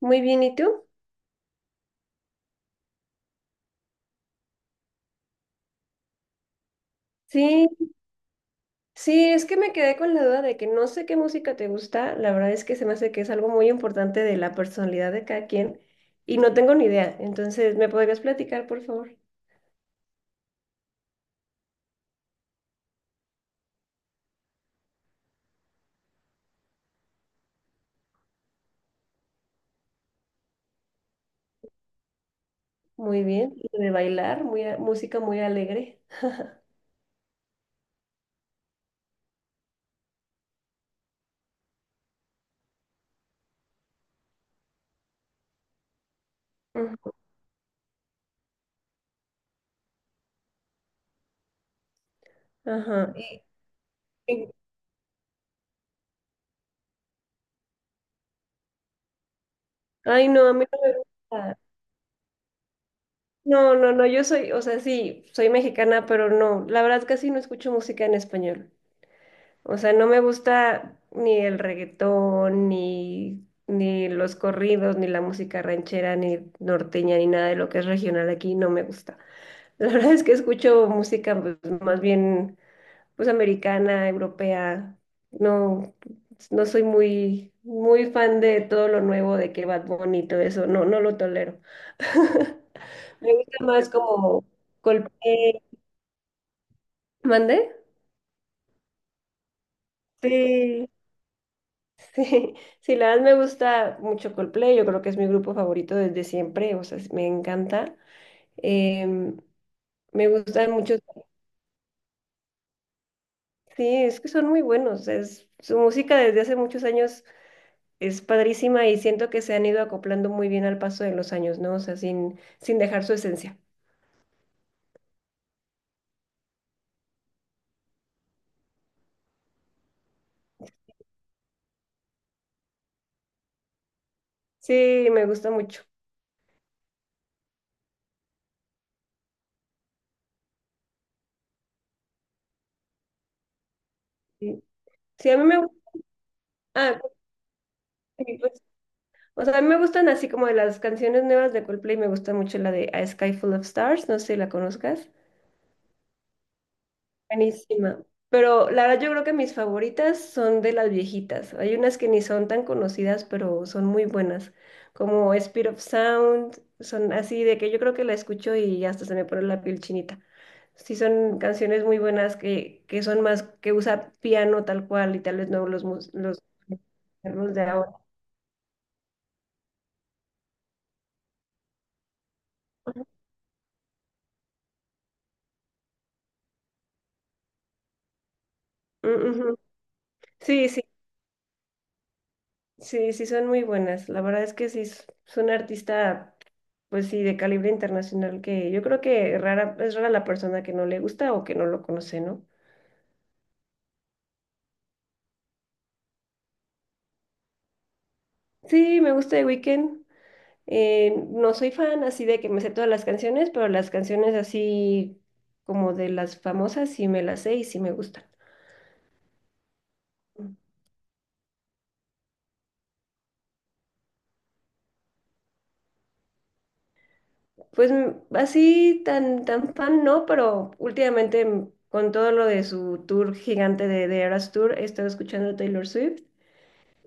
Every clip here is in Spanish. Muy bien, ¿y tú? Sí, sí, es que me quedé con la duda de que no sé qué música te gusta. La verdad es que se me hace que es algo muy importante de la personalidad de cada quien y no tengo ni idea. Entonces, ¿me podrías platicar, por favor? Muy bien. Y de bailar, música muy alegre. Ujú. Ajá. Y- Ay, no, a mí no me gusta. No, no, no, yo soy, o sea, sí, soy mexicana, pero no, la verdad casi no escucho música en español. O sea, no me gusta ni el reggaetón, ni, ni los corridos, ni la música ranchera, ni norteña, ni nada de lo que es regional aquí, no me gusta. La verdad es que escucho música, pues, más bien, pues americana, europea. No, no soy muy, muy fan de todo lo nuevo de que Bad Bunny y todo eso. No, no lo tolero. Me gusta más como Coldplay. ¿Mande? Sí, sí, sí, la verdad me gusta mucho Coldplay, yo creo que es mi grupo favorito desde siempre, o sea, me encanta. Em, me gustan mucho, sí, es que son muy buenos, es, su música desde hace muchos años es padrísima y siento que se han ido acoplando muy bien al paso de los años, ¿no? O sea, sin, sin dejar su esencia. Sí, me gusta mucho. Sí, sí, a mí me gusta, ah, sí, pues, o sea, a mí me gustan así como de las canciones nuevas de Coldplay, me gusta mucho la de A Sky Full of Stars, no sé si la conozcas. Buenísima. Pero la verdad yo creo que mis favoritas son de las viejitas. Hay unas que ni son tan conocidas, pero son muy buenas, como Spirit of Sound, son así de que yo creo que la escucho y hasta se me pone la piel chinita. Sí, son canciones muy buenas que son más, que usa piano tal cual y tal vez no los, mus- los de ahora. Mm, ujú. Sí, sí, sí, sí son muy buenas. La verdad es que sí, es una artista, pues sí, de calibre internacional, que yo creo que rara, es rara la persona que no le gusta o que no lo conoce, ¿no? Sí, me gusta The Weeknd. No soy fan así de que me sé todas las canciones, pero las canciones así como de las famosas sí me las sé y sí me gustan. Pues así tan, tan fan no, pero últimamente con todo lo de su tour gigante de Eras Tour, he estado escuchando Taylor Swift.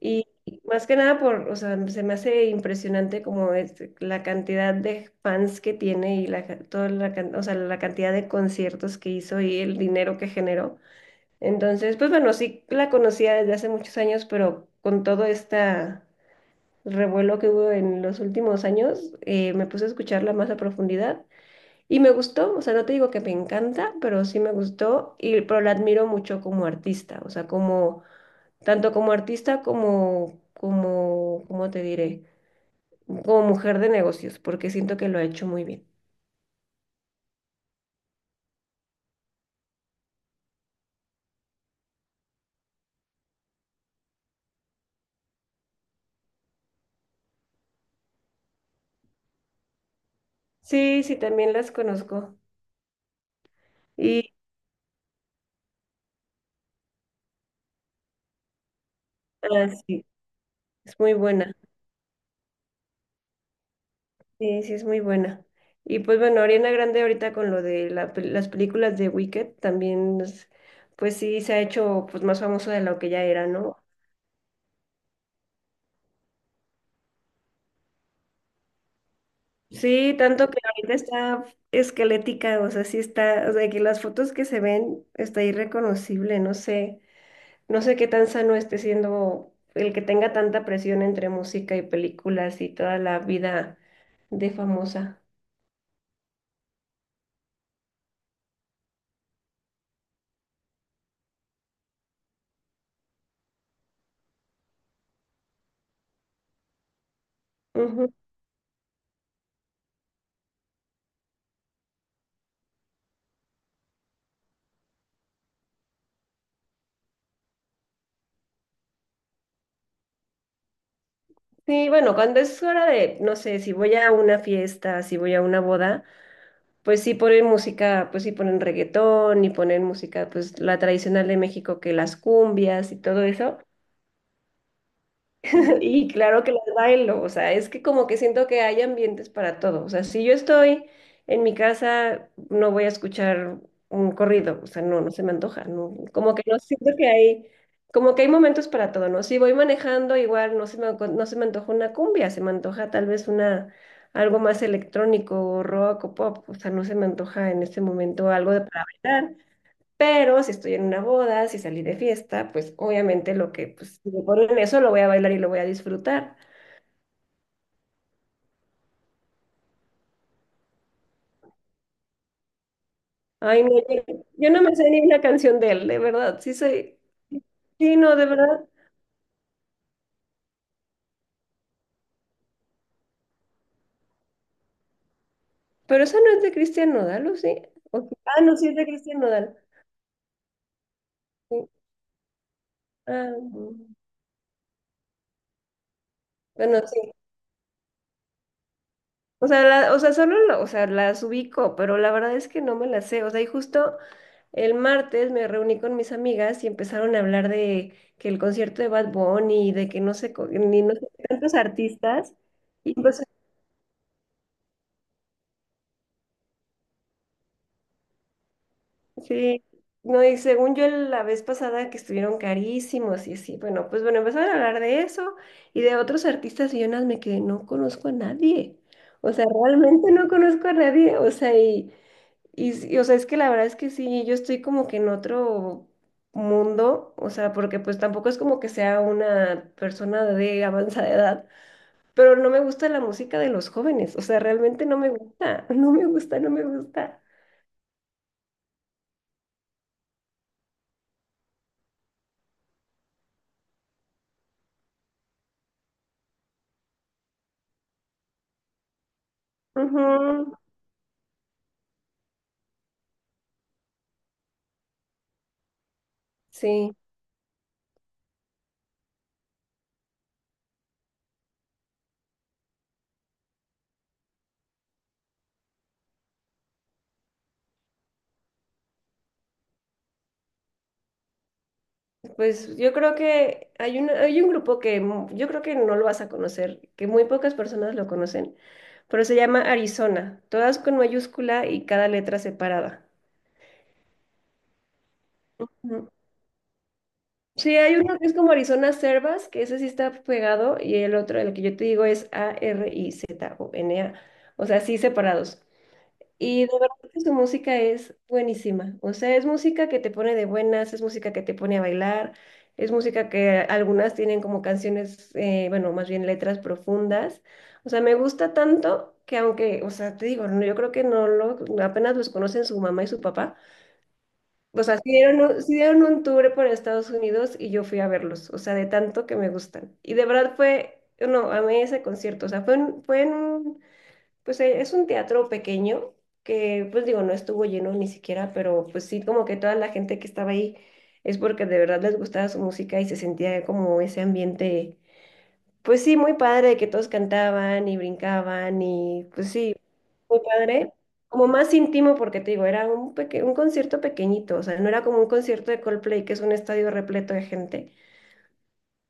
Y más que nada por, o sea, se me hace impresionante como es la cantidad de fans que tiene y toda o sea, la cantidad de conciertos que hizo y el dinero que generó. Entonces, pues bueno, sí la conocía desde hace muchos años, pero con todo este revuelo que hubo en los últimos años, me puse a escucharla más a profundidad y me gustó, o sea, no te digo que me encanta, pero sí me gustó y pero la admiro mucho como artista, o sea, como tanto como artista como, ¿cómo te diré? Como mujer de negocios, porque siento que lo ha hecho muy bien. Sí, sí, también las conozco. Y sí, es muy buena. Sí, sí, es muy buena. Y pues bueno, Ariana Grande ahorita con lo de la las películas de Wicked también, pues sí, se ha hecho, pues, más famosa de lo que ya era, ¿no? Sí, tanto que ahorita está esquelética, o sea, sí está, o sea, que las fotos que se ven está irreconocible, no sé. No sé qué tan sano esté siendo el que tenga tanta presión entre música y películas y toda la vida de famosa. Ujú. Sí, bueno, cuando es hora de, no sé, si voy a una fiesta, si voy a una boda, pues sí ponen música, pues sí ponen reggaetón y ponen música, pues la tradicional de México, que las cumbias y todo eso. Y claro que las bailo, o sea, es que como que siento que hay ambientes para todo. O sea, si yo estoy en mi casa, no voy a escuchar un corrido, o sea, no, no se me antoja, no, como que no siento que hay, como que hay momentos para todo, ¿no? Si voy manejando, igual no se me, no se me antoja una cumbia, se me antoja tal vez una, algo más electrónico, o rock o pop, o sea, no se me antoja en este momento algo de para bailar. Pero si estoy en una boda, si salí de fiesta, pues obviamente lo que, pues, si me ponen eso, lo voy a bailar y lo voy a disfrutar. Ay, no, yo, yo me sé ni una canción de él, de verdad. Sí soy, sí, no, de verdad. Pero esa no es de Cristian Nodal, ¿o sí? ¿O sí? Ah, no, sí es de Cristian Nodal. Sí. Ah, mm, bueno, sí. O sea, o sea, solo o sea, las ubico, pero la verdad es que no me las sé. O sea, y justo el martes me reuní con mis amigas y empezaron a hablar de que el concierto de Bad Bunny y de que no sé, ni no sé qué tantos artistas. Y, pues, sí, no, y según yo la vez pasada que estuvieron carísimos y así, bueno, pues bueno, empezaron a hablar de eso y de otros artistas y yo nada más me quedé, no conozco a nadie. O sea, realmente no conozco a nadie. O sea, y... Y, y, o sea, es que la verdad es que sí, yo estoy como que en otro mundo, o sea, porque pues tampoco es como que sea una persona de avanzada edad, pero no me gusta la música de los jóvenes, o sea, realmente no me gusta, no me gusta, no me gusta. Ujú. Sí, pues yo creo que hay un grupo que yo creo que no lo vas a conocer, que muy pocas personas lo conocen, pero se llama Arizona, todas con mayúscula y cada letra separada. Sí, hay uno que es como Arizona Servas, que ese sí está pegado, y el otro, el que yo te digo, es Arizona, o N A, o sea, sí separados. Y de verdad que su música es buenísima, o sea, es música que te pone de buenas, es música que te pone a bailar, es música que algunas tienen como canciones, bueno, más bien letras profundas, o sea, me gusta tanto que aunque, o sea, te digo, no, yo creo que no lo, apenas los conocen su mamá y su papá. O sea, sí dieron, sí dieron un tour por Estados Unidos y yo fui a verlos, o sea, de tanto que me gustan. Y de verdad fue, no, amé ese concierto, o sea, fue en un, pues es un teatro pequeño que, pues digo, no estuvo lleno ni siquiera, pero pues sí, como que toda la gente que estaba ahí es porque de verdad les gustaba su música y se sentía como ese ambiente, pues sí, muy padre, que todos cantaban y brincaban y pues sí, muy padre. Como más íntimo porque te digo, era un un concierto pequeñito, o sea, no era como un concierto de Coldplay, que es un estadio repleto de gente.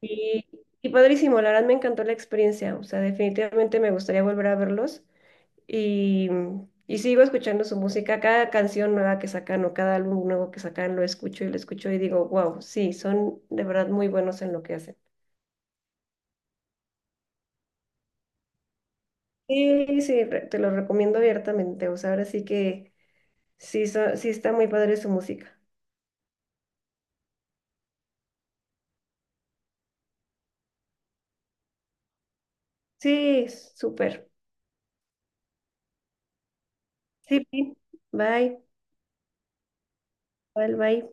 Y, y padrísimo, la verdad me encantó la experiencia, o sea, definitivamente me gustaría volver a verlos y, y sigo escuchando su música, cada canción nueva que sacan o cada álbum nuevo que sacan lo escucho y digo, wow, sí, son de verdad muy buenos en lo que hacen. Sí, sí, te lo recomiendo abiertamente. O sea, ahora sí que sí, sí está muy padre su música. Sí, súper. Sí, sí. Bye, bye, bye.